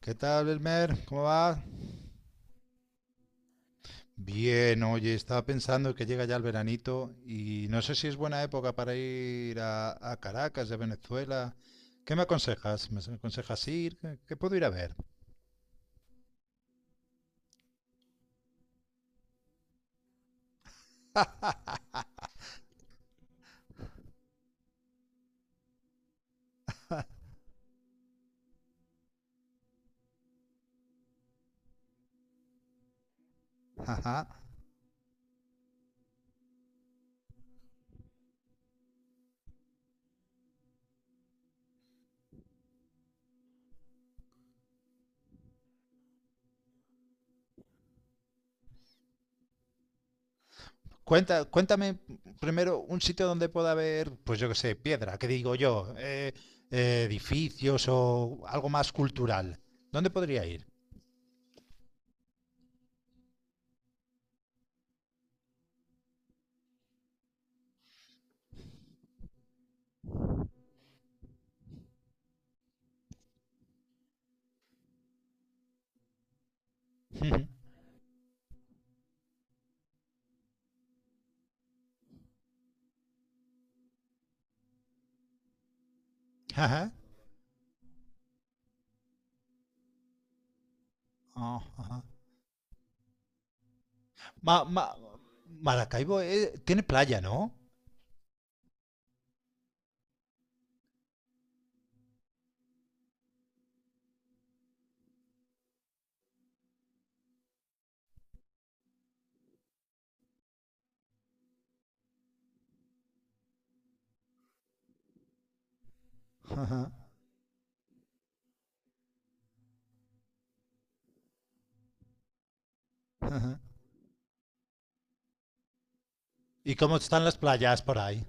¿Qué tal, Belmer? ¿Cómo va? Bien, oye, estaba pensando que llega ya el veranito y no sé si es buena época para ir a Caracas de Venezuela. ¿Qué me aconsejas? ¿Me aconsejas ir? ¿Qué puedo ir a ver? Ajá. Cuenta, cuéntame primero un sitio donde pueda haber, pues yo qué sé, piedra, ¿qué digo yo? Edificios o algo más cultural. ¿Dónde podría ir? Ujú. Ajá. Ma- ma- Maracaibo tiene playa, ¿no? Ajá, ajá. ¿Y cómo están las playas por ahí?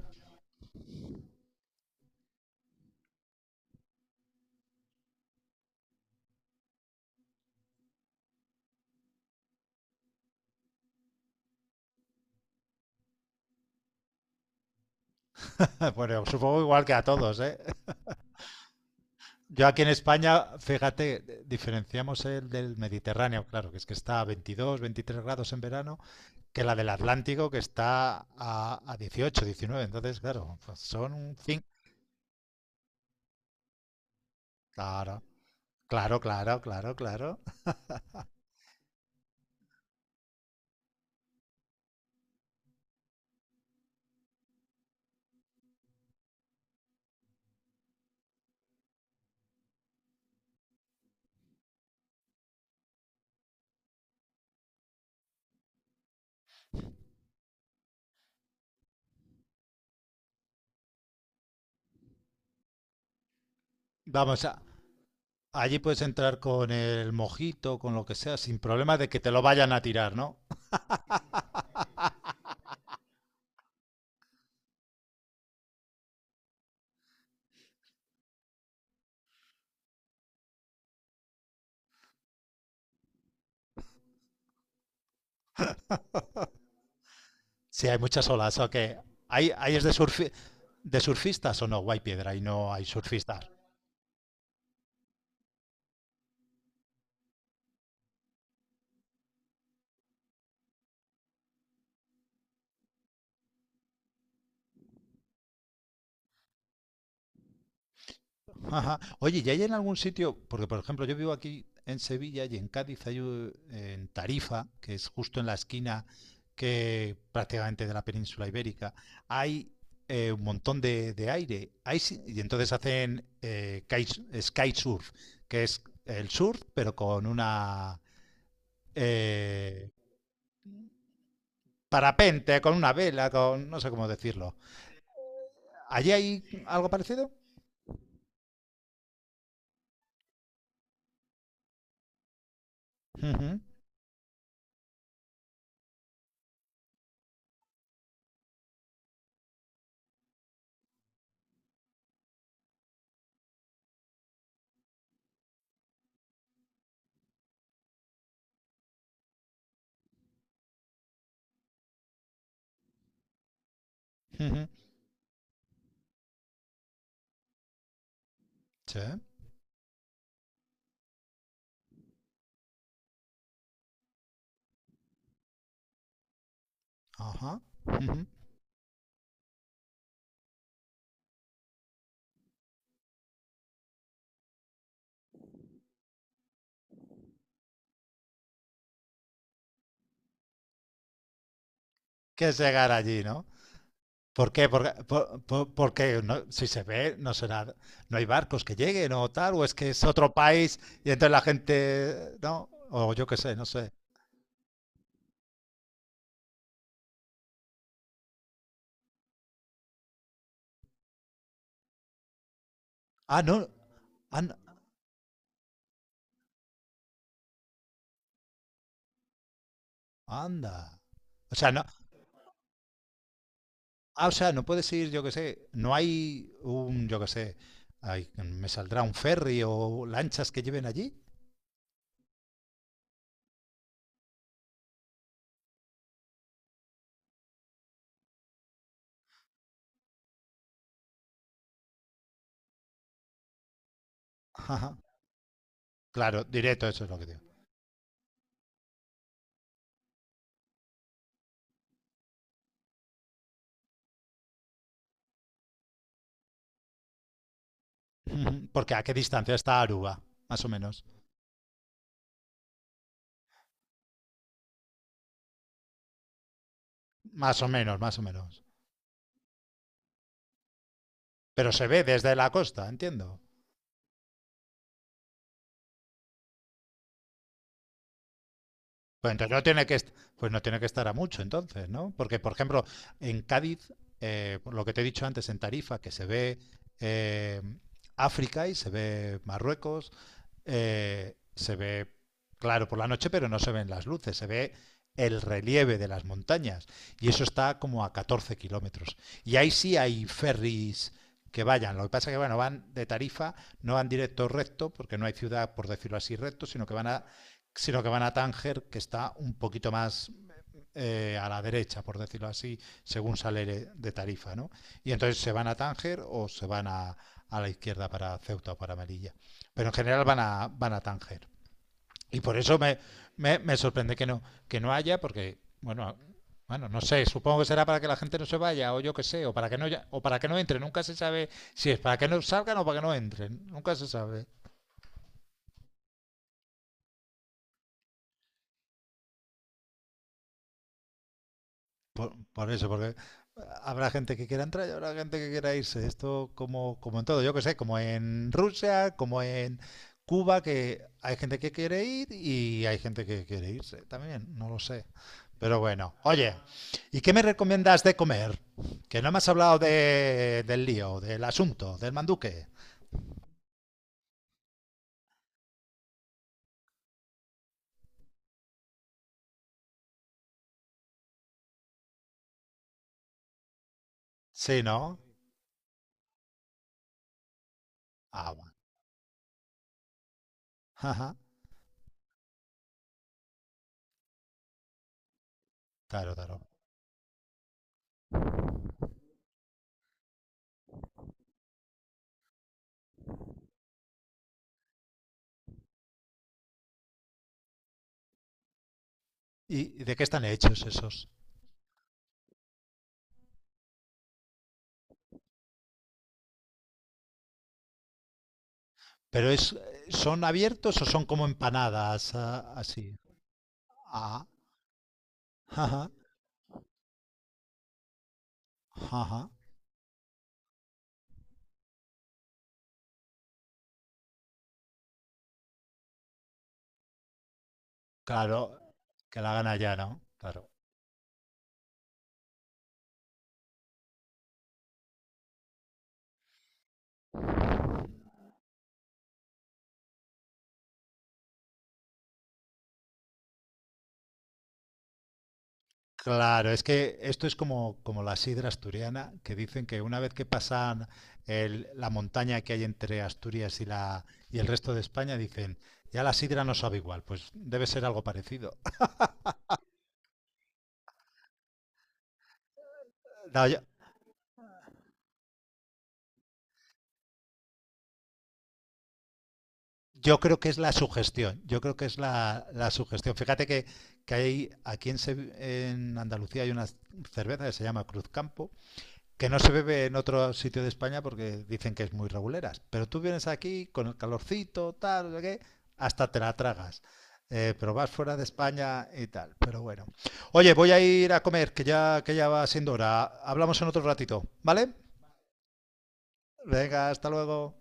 Bueno, supongo igual que a todos, ¿eh? Yo aquí en España, fíjate, diferenciamos el del Mediterráneo, claro, que es que está a 22, 23 grados en verano, que la del Atlántico, que está a 18, 19. Entonces, claro, pues son un fin. Claro, claro, claro, claro, claro. Vamos, a, allí puedes entrar con el mojito, con lo que sea, sin problema de que te lo vayan a tirar, ¿no? Sí, hay muchas olas, ok. ¿Hay es de, de surfistas o no? Piedra y no hay surfistas. Ajá. Oye, ¿y hay en algún sitio? Porque, por ejemplo, yo vivo aquí en Sevilla y en Cádiz hay en Tarifa, que es justo en la esquina que prácticamente de la península ibérica, hay un montón de aire. Hay, y entonces hacen kite- sky surf, que es el surf, pero con una eh, parapente, con una vela, con no sé cómo decirlo. ¿Allí hay algo parecido? Ujú, ujú. Sí, ajá. Ujú. ¿Qué es llegar allí, no? ¿Por qué? Porque, porque si se ve, no será, no hay barcos que lleguen o tal, o es que es otro país y entonces la gente, ¿no? O yo qué sé, no sé. Ah, no, an- anda. O sea, no, ah, o sea, no puedes ir, yo qué sé, no hay un, yo qué sé, ay, me saldrá un ferry o lanchas que lleven allí. Ajá. Claro, directo, eso es lo que digo. Ujú. ¿Porque a qué distancia está Aruba, más o menos? Más o menos, más o menos. Pero se ve desde la costa, entiendo. Pues entonces no tiene que, pues no tiene que estar a mucho, entonces, ¿no? Porque, por ejemplo, en Cádiz, por lo que te he dicho antes, en Tarifa, que se ve eh, África y se ve Marruecos, se ve claro por la noche, pero no se ven las luces, se ve el relieve de las montañas. Y eso está como a 14 kilómetros. Y ahí sí hay ferries que vayan. Lo que pasa es que bueno, van de tarifa, no van directo recto, porque no hay ciudad, por decirlo así, recto, sino que van a Tánger, que está un poquito más a la derecha, por decirlo así, según sale de Tarifa, ¿no? Y entonces se van a Tánger o se van a la izquierda para Ceuta o para Melilla. Pero en general van a Tánger. Y por eso me sorprende que no haya, porque, bueno, bueno, no sé, supongo que será para que la gente no se vaya, o yo qué sé, o para que no o para que no entren, nunca se sabe si es para que no salgan o para que no entren, nunca se sabe. Por eso, porque habrá gente que quiera entrar y habrá gente que quiera irse. Esto como, como en todo, yo que sé, como en Rusia, como en Cuba, que hay gente que quiere ir y hay gente que quiere irse también, no lo sé. Pero bueno, oye, ¿y qué me recomiendas de comer? Que no me has hablado de, del lío, del asunto, del manduque. Sí, ¿no? Ah, bueno. Ajá, claro, claro. ¿Y de qué están hechos esos? ¿Pero es, son abiertos o son como empanadas, ah, así? Ah, ajá, ajá. Claro, que la gana ya, ¿no? Claro. Claro, es que esto es como, como la sidra asturiana, que dicen que una vez que pasan la montaña que hay entre Asturias y, la, y el resto de España, dicen, ya la sidra no sabe igual, pues debe ser algo parecido. No, yo creo que es la sugestión, yo creo que es la, la sugestión. Fíjate que hay aquí en, en Andalucía hay una cerveza que se llama Cruzcampo, que no se bebe en otro sitio de España porque dicen que es muy reguleras. Pero tú vienes aquí con el calorcito, tal, no sé qué, hasta te la tragas. Pero vas fuera de España y tal. Pero bueno. Oye, voy a ir a comer, que ya va siendo hora. Hablamos en otro ratito, ¿vale? Venga, hasta luego.